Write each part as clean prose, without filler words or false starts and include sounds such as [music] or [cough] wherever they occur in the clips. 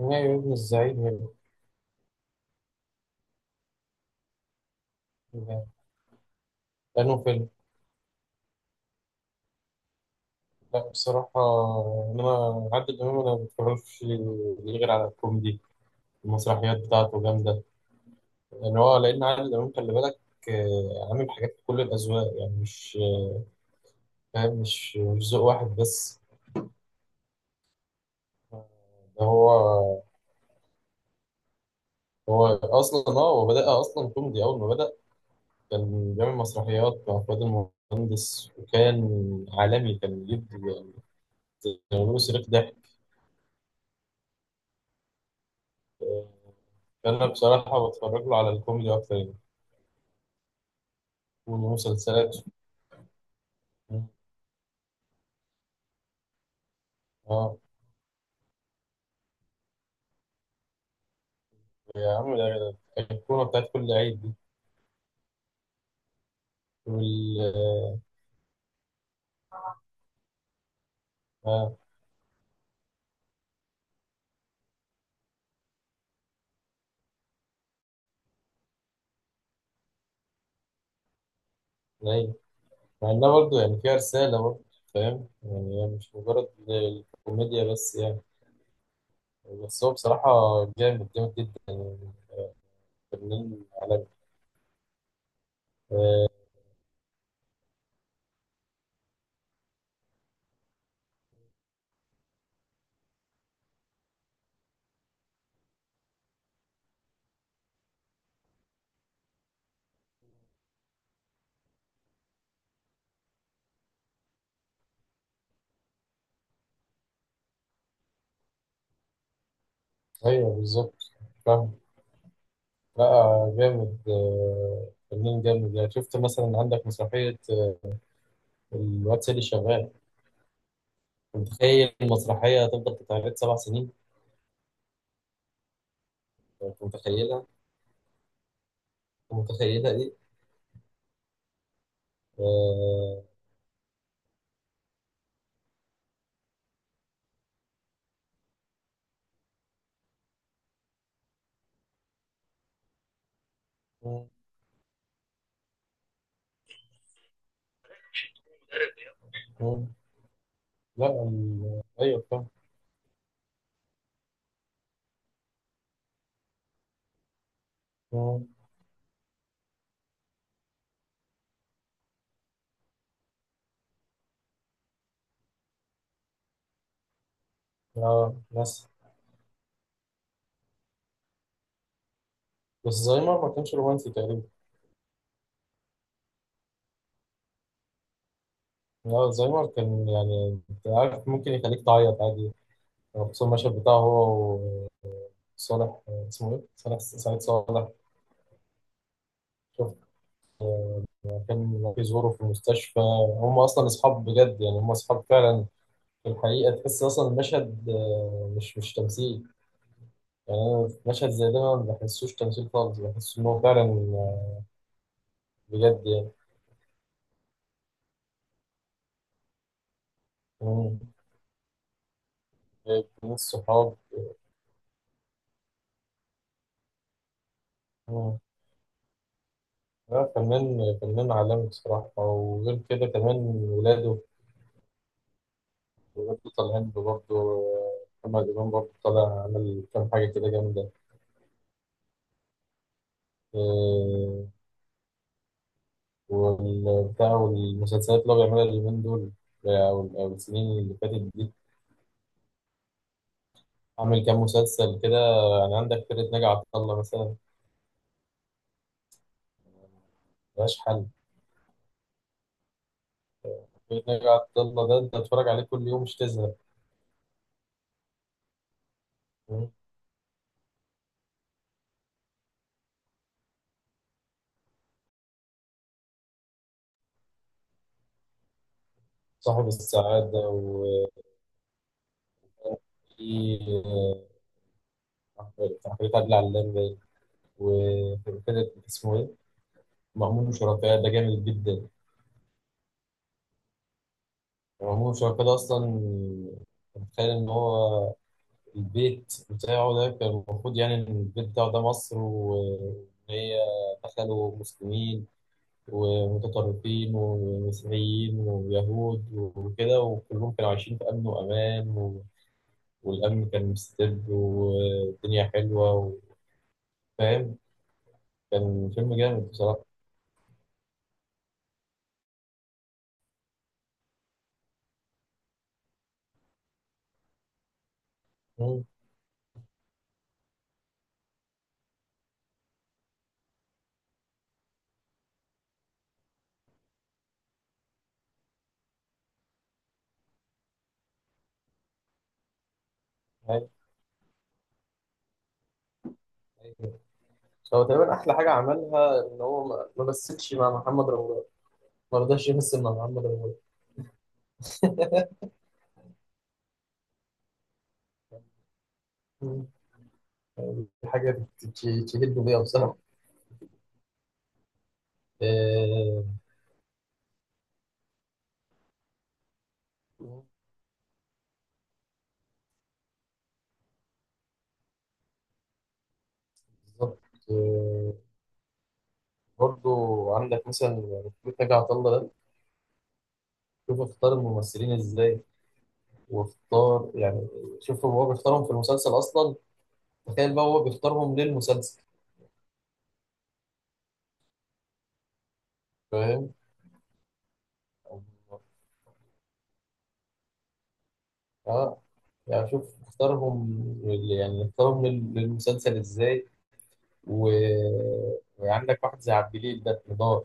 نهائي ابن الزعيم يعني. يعني لأنه فيلم. لا بصراحة، إنما عادل إمام أنا ما بتفرجش ليه غير على الكوميدي. المسرحيات بتاعته جامدة. يعني هو لأن عادل إمام خلي بالك. عامل حاجات في كل الأذواق يعني. مش فاهم، مش ذوق واحد بس. آه، ده هو. هو أصلا، هو بدأ أصلا كوميدي أول ما بدأ. كان بيعمل مسرحيات مع فؤاد المهندس وكان عالمي. كان بيجيب يعني، بيعملوا صريخ ضحك. أنا بصراحة بتفرج له على الكوميدي أكتر يعني. والمسلسلات. آه، يا عم ده الكورة بتاعت كل عيد دي. وال، آه، العيد، مع إنها برضه يعني فيها رسالة برضه. فاهم؟ يعني هي مش مجرد الكوميديا بس يعني. بس هو بصراحة جامد جامد جدا، فنان عالمي. آه، أيوه بالظبط. فاهم. لا جامد، فنان جامد. يعني شفت مثلا عندك مسرحية الواد سيدي شغال؟ متخيل المسرحية هتفضل تتعرض 7 سنين؟ كنت متخيلها؟ كنت متخيلها دي؟ آه، مم، مم. لا، ايوه فاهم. مم. اه ناس. بس زايمر ما كانش رومانسي تقريبا. لا زايمر كان يعني انت عارف ممكن يخليك تعيط عادي. يعني خصوصا المشهد بتاعه، هو وصالح، اسمه ايه؟ صالح، سعيد صالح. شوف، كان بيزوره في المستشفى. هم اصلا اصحاب بجد، يعني هم اصحاب فعلا. في الحقيقة تحس اصلا المشهد مش تمثيل. يعني أنا في مشهد زي ده ما بحسوش تمثيل خالص، بحس إن هو فعلا بجد يعني. مم. من الصحاب. مم. لا، فنان عالمي بصراحة. وغير كده كمان، ولاده ولاده طالعين برضه. محمد إمام برضه طالع، عمل كام حاجة كده جامدة. آه، والبتاع والمسلسلات اللي هو بيعملها اليومين دول، أو السنين اللي فاتت دي. عامل كام مسلسل كده. يعني عندك فرقة ناجي عطا الله مثلا، ملهاش حل. نجا عبد الله ده انت اتفرج عليه كل يوم مش تزهق. مم. صاحب السعادة، وفي تحرير عادل علام باين. وفرقة اسمه ايه؟ مأمون وشركاه ده جامد جدا. مأمون وشركاه ده أصلا، متخيل إن هو البيت بتاعه ده كان المفروض يعني إن البيت بتاعه ده مصر، وإن هي دخلوا مسلمين ومتطرفين ومسيحيين ويهود وكده، وكلهم كانوا عايشين في أمن وأمان، والأمن كان مستبد والدنيا حلوة، وفاهم. كان فيلم جامد بصراحة. مم. أيوة. أيوة. هو تقريبا احلى حاجه عملها ان هو ما مثلش مع محمد رمضان. ما رضاش يمثل مع محمد رمضان. مم. يعني دي حاجه تهد بيها بصراحه. آه، بالظبط. آه، برضو عندك مثلا بيت نجا عطا الله ده، شوف اختار الممثلين ازاي، واختار يعني شوف هو بيختارهم في المسلسل اصلا. تخيل بقى هو بيختارهم للمسلسل. اه. يعني شوف اختارهم يعني اختارهم للمسلسل ازاي و... وعندك واحد زي عبد الجليل ده نضال.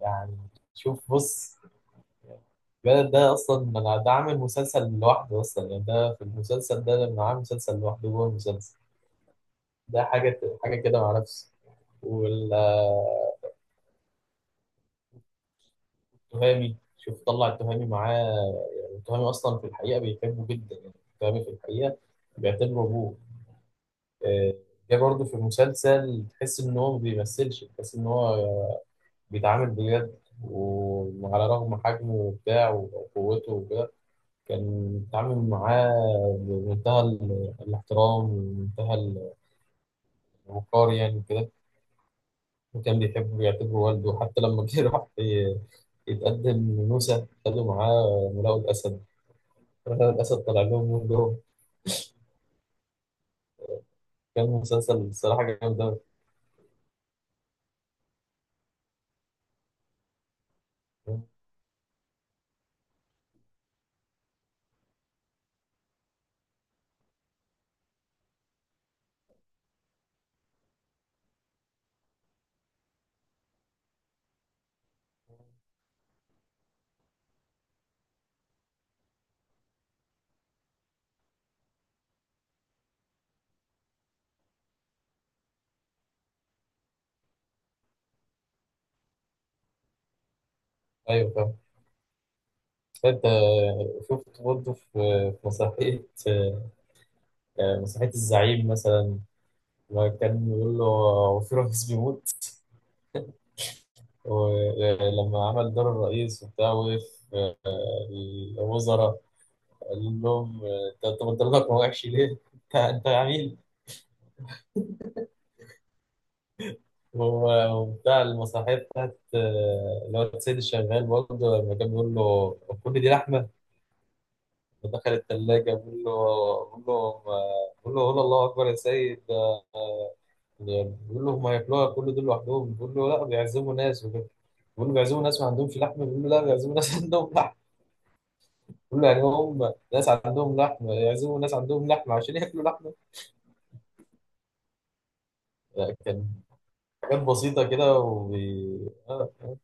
يعني شوف بص، ده اصلا انا ده عامل مسلسل لوحده اصلا. يعني ده في المسلسل ده لما عامل مسلسل لوحده جوه المسلسل، ده حاجه حاجه كده مع نفسه. والتهامي، شوف طلع التهامي معاه. يعني التهامي اصلا في الحقيقه بيحبه جدا، يعني التهامي في الحقيقه بيعتبره ابوه. ده برضه في المسلسل تحس ان هو ما بيمثلش، تحس ان هو بيتعامل بجد. وعلى رغم حجمه وبتاع وقوته وكده، كان بيتعامل معاه بمنتهى الاحترام ومنتهى الوقار يعني كده. وكان بيحبه ويعتبره والده. حتى لما جه [laughs] راح يتقدم لنوسة، خدوا معاه ملاقوا الأسد. ملاقوا الأسد طلع لهم من جوه. كان مسلسل الصراحة جامد أوي. أيوه فاهم. فانت شفت برضه في مسرحية، مسرحية الزعيم مثلا، لما كان بيقول له هو في رئيس بيموت، ولما عمل دور الرئيس وبتاع وقف الوزراء، قال لهم أنت بتضلك وحش ليه؟ انت عميل. وبتاع المسرحية بتاعت اللي هو السيد الشغال برضه لما كان بيقول له كل دي لحمة، دخل التلاجة بيقول له، بيقول له بيقول له قول الله أكبر يا سيد. بيقول له هم هياكلوها كل دول لوحدهم. بيقول له لا، بيعزموا ناس وكده. بيقول له بيعزموا ناس ما عندهمش لحم. بيقول له لا، بيعزموا ناس [laughs] عندهم لحم. بيقول له يعني هم ناس عندهم لحم يعزموا ناس عندهم لحم عشان ياكلوا لحمه. لا، كان حاجات بسيطه كده آه آه،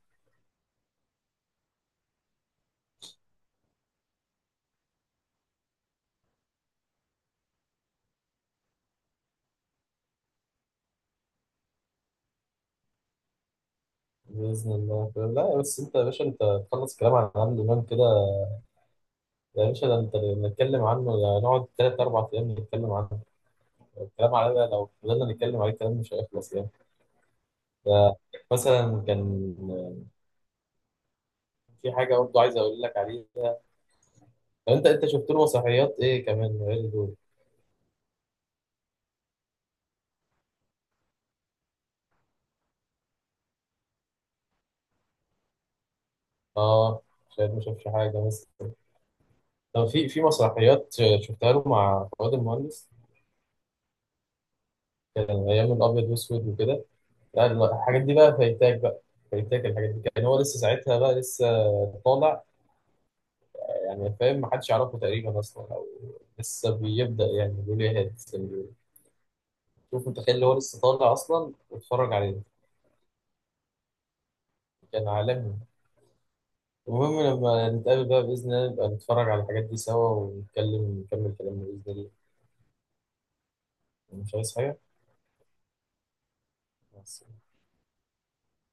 باذن الله. لا بس انت يا باشا، تخلص كلام عن عادل امام كده. يا باشا ده انت نتكلم عنه يعني نقعد 3 4 أيام نتكلم عنه. الكلام عليه بقى لو فضلنا نتكلم عليه الكلام مش هيخلص يعني. ف- مثلا كان في حاجه برضه عايز اقول لك عليها. طب انت شفت له مسرحيات ايه كمان غير دول؟ اه شايف، ما شافش حاجه بس. طب في مسرحيات شفتها له مع فؤاد المهندس؟ كان ايام الابيض والاسود وكده. لا لا، الحاجات دي بقى فايتاك بقى، فايتاك الحاجات دي. كان هو لسه ساعتها، بقى لسه طالع يعني. فاهم؟ ما حدش يعرفه تقريبا اصلا، او لسه بيبدا يعني بيقول ايه هاد لسه بيقول. شوف متخيل اللي هو لسه طالع اصلا، واتفرج عليه. كان عالمي. المهم لما نتقابل بقى باذن الله، نبقى نتفرج على الحاجات دي سوا ونتكلم، نكمل كلامنا باذن الله. يعني مش عايز حاجة بس